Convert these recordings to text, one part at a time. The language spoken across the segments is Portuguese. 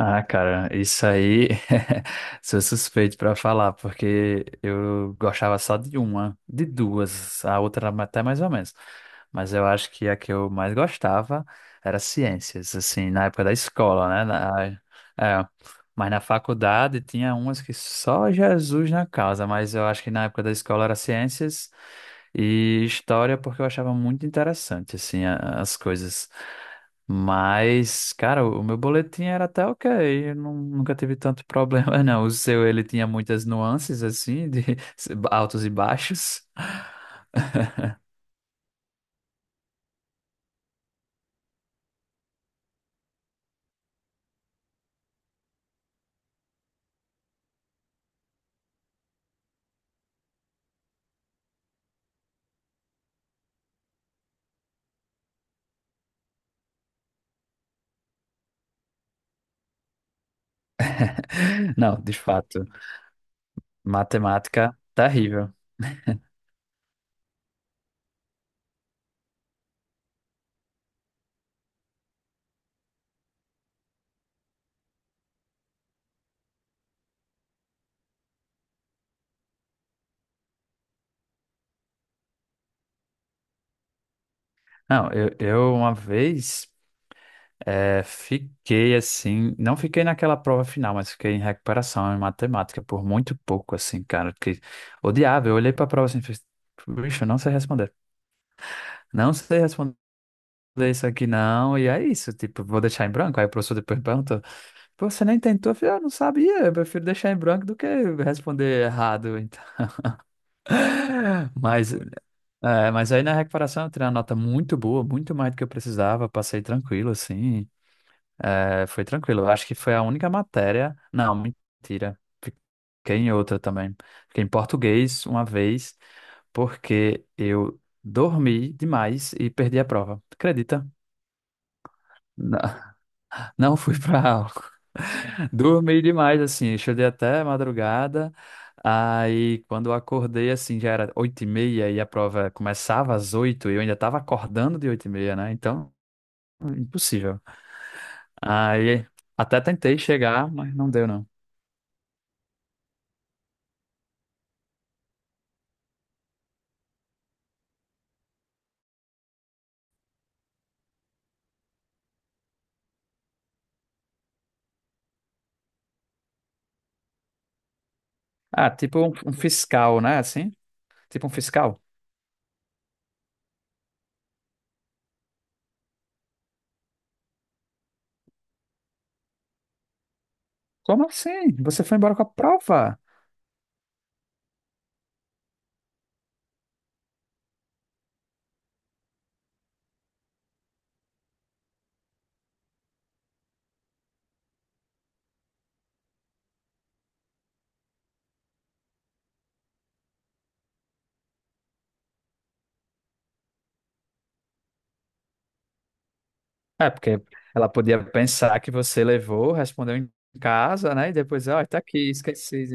Ah, cara, isso aí sou suspeito pra falar, porque eu gostava só de uma, de duas, a outra era até mais ou menos. Mas eu acho que a que eu mais gostava era ciências, assim, na época da escola, né? É, mas na faculdade tinha umas que só Jesus na causa, mas eu acho que na época da escola era ciências e história, porque eu achava muito interessante, assim, as coisas. Mas, cara, o meu boletim era até ok, eu não- nunca tive tanto problema, não. O seu, ele tinha muitas nuances, assim, de altos e baixos. Não, de fato, matemática terrível. Não, eu uma vez fiquei assim, não fiquei naquela prova final, mas fiquei em recuperação em matemática por muito pouco, assim, cara, que odiava. Eu olhei pra prova assim, e fiz, bicho, eu não sei responder. Não sei responder. Ler isso aqui não, e é isso, tipo, vou deixar em branco. Aí o professor depois perguntou, "Pô, você nem tentou?" Eu falei, eu não sabia, eu prefiro deixar em branco do que responder errado, então. Mas, é, mas aí na recuperação eu tirei uma nota muito boa, muito mais do que eu precisava, passei tranquilo, assim, é, foi tranquilo. Eu acho que foi a única matéria, não, mentira, fiquei em outra também. Fiquei em português uma vez, porque eu dormi demais e perdi a prova, acredita? Não fui pra aula. Dormi demais, assim. Eu estudei até madrugada. Aí, quando eu acordei, assim, já era oito e meia e a prova começava às oito e eu ainda estava acordando de oito e meia, né? Então, impossível. Aí, até tentei chegar, mas não deu, não. Ah, tipo um, um fiscal, né? Assim, tipo um fiscal. Como assim? Você foi embora com a prova? É, porque ela podia pensar que você levou, respondeu em casa, né? E depois, ó, tá aqui, esqueci.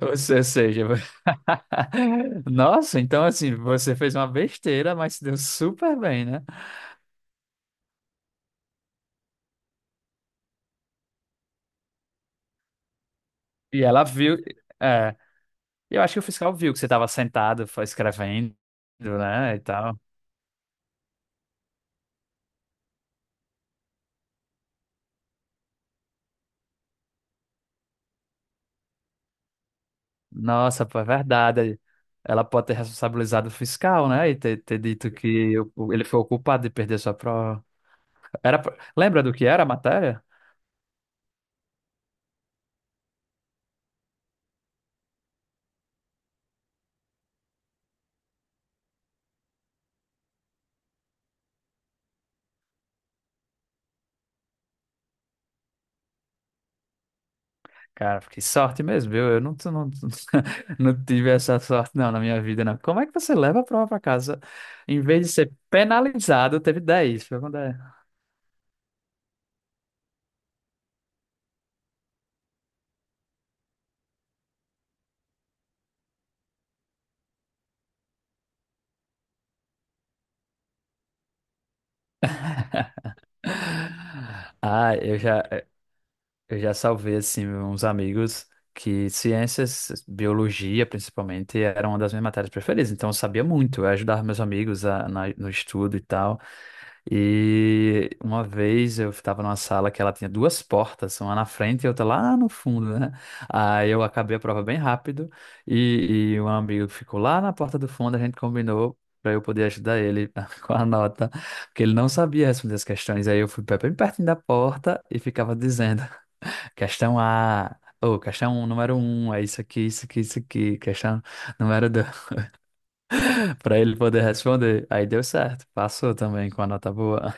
Ou se- Ou seja, nossa, então assim, você fez uma besteira, mas se deu super bem, né? E ela viu, é, eu acho que o fiscal viu que você estava sentado, foi escrevendo, né, e tal. Nossa, pô, é verdade. Ela pode ter responsabilizado o fiscal, né, e ter, ter dito que ele foi o culpado de perder sua prova. Era, lembra do que era a matéria? Cara, que sorte mesmo, eu não, não, não tive essa sorte não na minha vida, não. Como é que você leva a prova para casa? Em vez de ser penalizado, teve dez foi quando é. Ah, eu já, eu já salvei assim uns amigos que ciências, biologia principalmente, era uma das minhas matérias preferidas. Então eu sabia muito, eu ajudava meus amigos no estudo e tal. E uma vez eu estava numa sala que ela tinha duas portas, uma na frente e outra lá no fundo, né? Aí eu acabei a prova bem rápido e um amigo ficou lá na porta do fundo, a gente combinou para eu poder ajudar ele com a nota, porque ele não sabia responder as questões. Aí eu fui bem pertinho da porta e ficava dizendo questão A. Ou, questão número um, é isso aqui, isso aqui, isso aqui. Questão número dois, para ele poder responder. Aí deu certo, passou também com a nota boa.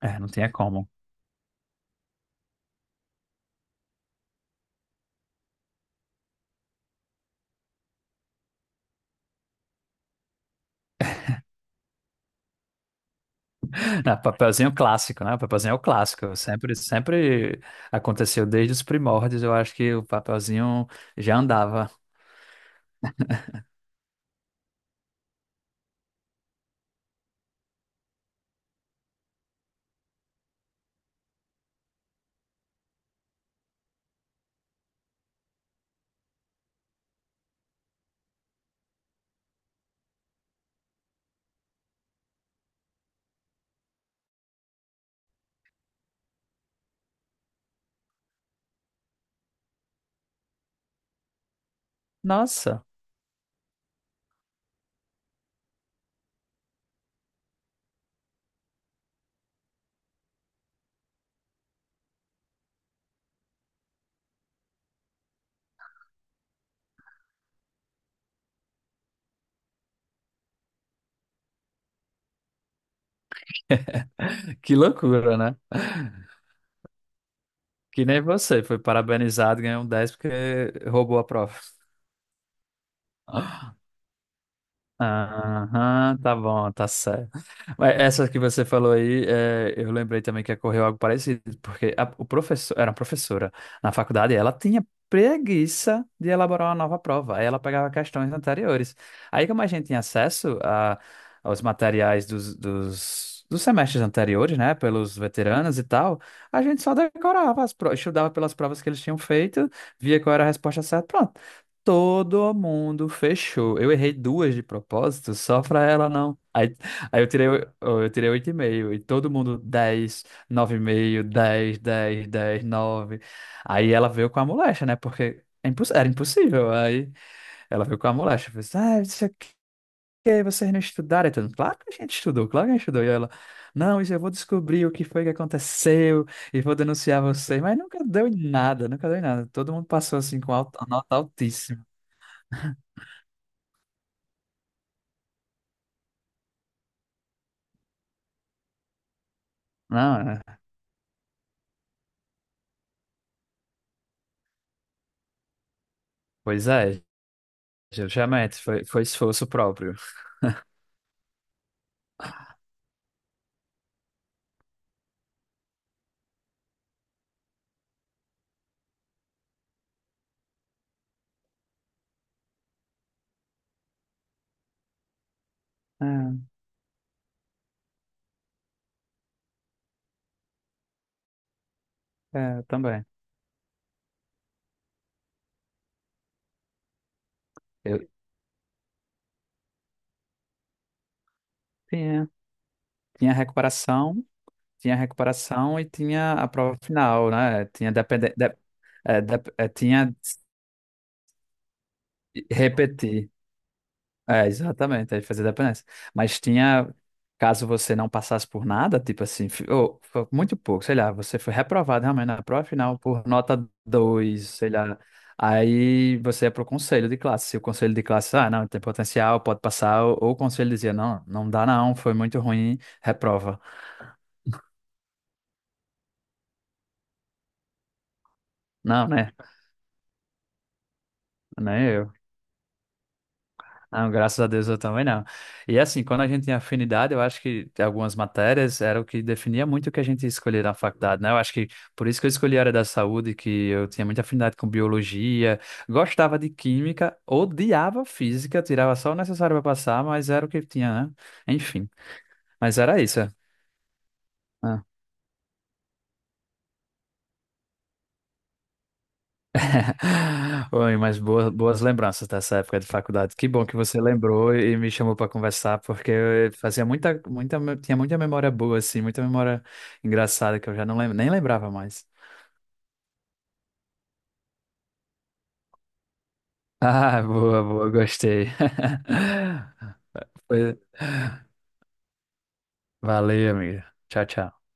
É, não tinha como. Ah, papelzinho clássico, né? O papelzinho é o clássico. Sempre, sempre aconteceu desde os primórdios. Eu acho que o papelzinho já andava. Nossa, que loucura, né? Que nem você, foi parabenizado, ganhou um 10 porque roubou a prova. Aham, tá bom, tá certo. Mas essa que você falou aí, é, eu lembrei também que ocorreu algo parecido, porque a, o professor, era uma professora na faculdade, ela tinha preguiça de elaborar uma nova prova, aí ela pegava questões anteriores. Aí, como a gente tinha acesso a, aos materiais dos semestres anteriores, né, pelos veteranos e tal, a gente só decorava as provas, estudava pelas provas que eles tinham feito, via qual era a resposta certa, pronto. Todo mundo fechou. Eu errei duas de propósito, só pra ela não. Aí, aí eu tirei, oh, eu tirei oito e meio, e todo mundo dez, nove e meio, dez, dez, dez, nove. Aí ela veio com a molecha, né? Porque é era impossível. Aí ela veio com a molecha. Falei, assim, ah, não sei o que, vocês não estudaram. Aí todo mundo, claro que a gente estudou, claro que a gente estudou. E ela, não, isso eu vou descobrir o que foi que aconteceu e vou denunciar vocês. Mas nunca deu em nada, nunca deu em nada. Todo mundo passou assim com nota altíssima. Não, é. Pois é, justamente, foi, foi esforço próprio. É, é, também. Eu, tinha, tinha recuperação, tinha recuperação e tinha a prova final, né? Tinha depende, é, tinha repetir. É, exatamente, aí fazia dependência. Mas tinha, caso você não passasse por nada, tipo assim, foi muito pouco, sei lá, você foi reprovado realmente na prova final por nota dois, sei lá. Aí você ia pro conselho de classe. Se o conselho de classe, ah, não, tem potencial, pode passar, ou o conselho dizia, não, não dá não, foi muito ruim, reprova. Não, né? Nem eu. Não, graças a Deus eu também não. E assim, quando a gente tem afinidade, eu acho que algumas matérias era o que definia muito o que a gente escolher na faculdade, né? Eu acho que por isso que eu escolhi a área da saúde, que eu tinha muita afinidade com biologia, gostava de química, odiava física, tirava só o necessário para passar, mas era o que tinha, né? Enfim, mas era isso. Oi, mas boas, boas lembranças dessa época de faculdade. Que bom que você lembrou e me chamou para conversar, porque eu fazia muita, muita, tinha muita memória boa, assim, muita memória engraçada que eu já não lembro, nem lembrava mais. Ah, boa, boa, gostei. Foi- Valeu, amiga. Tchau, tchau.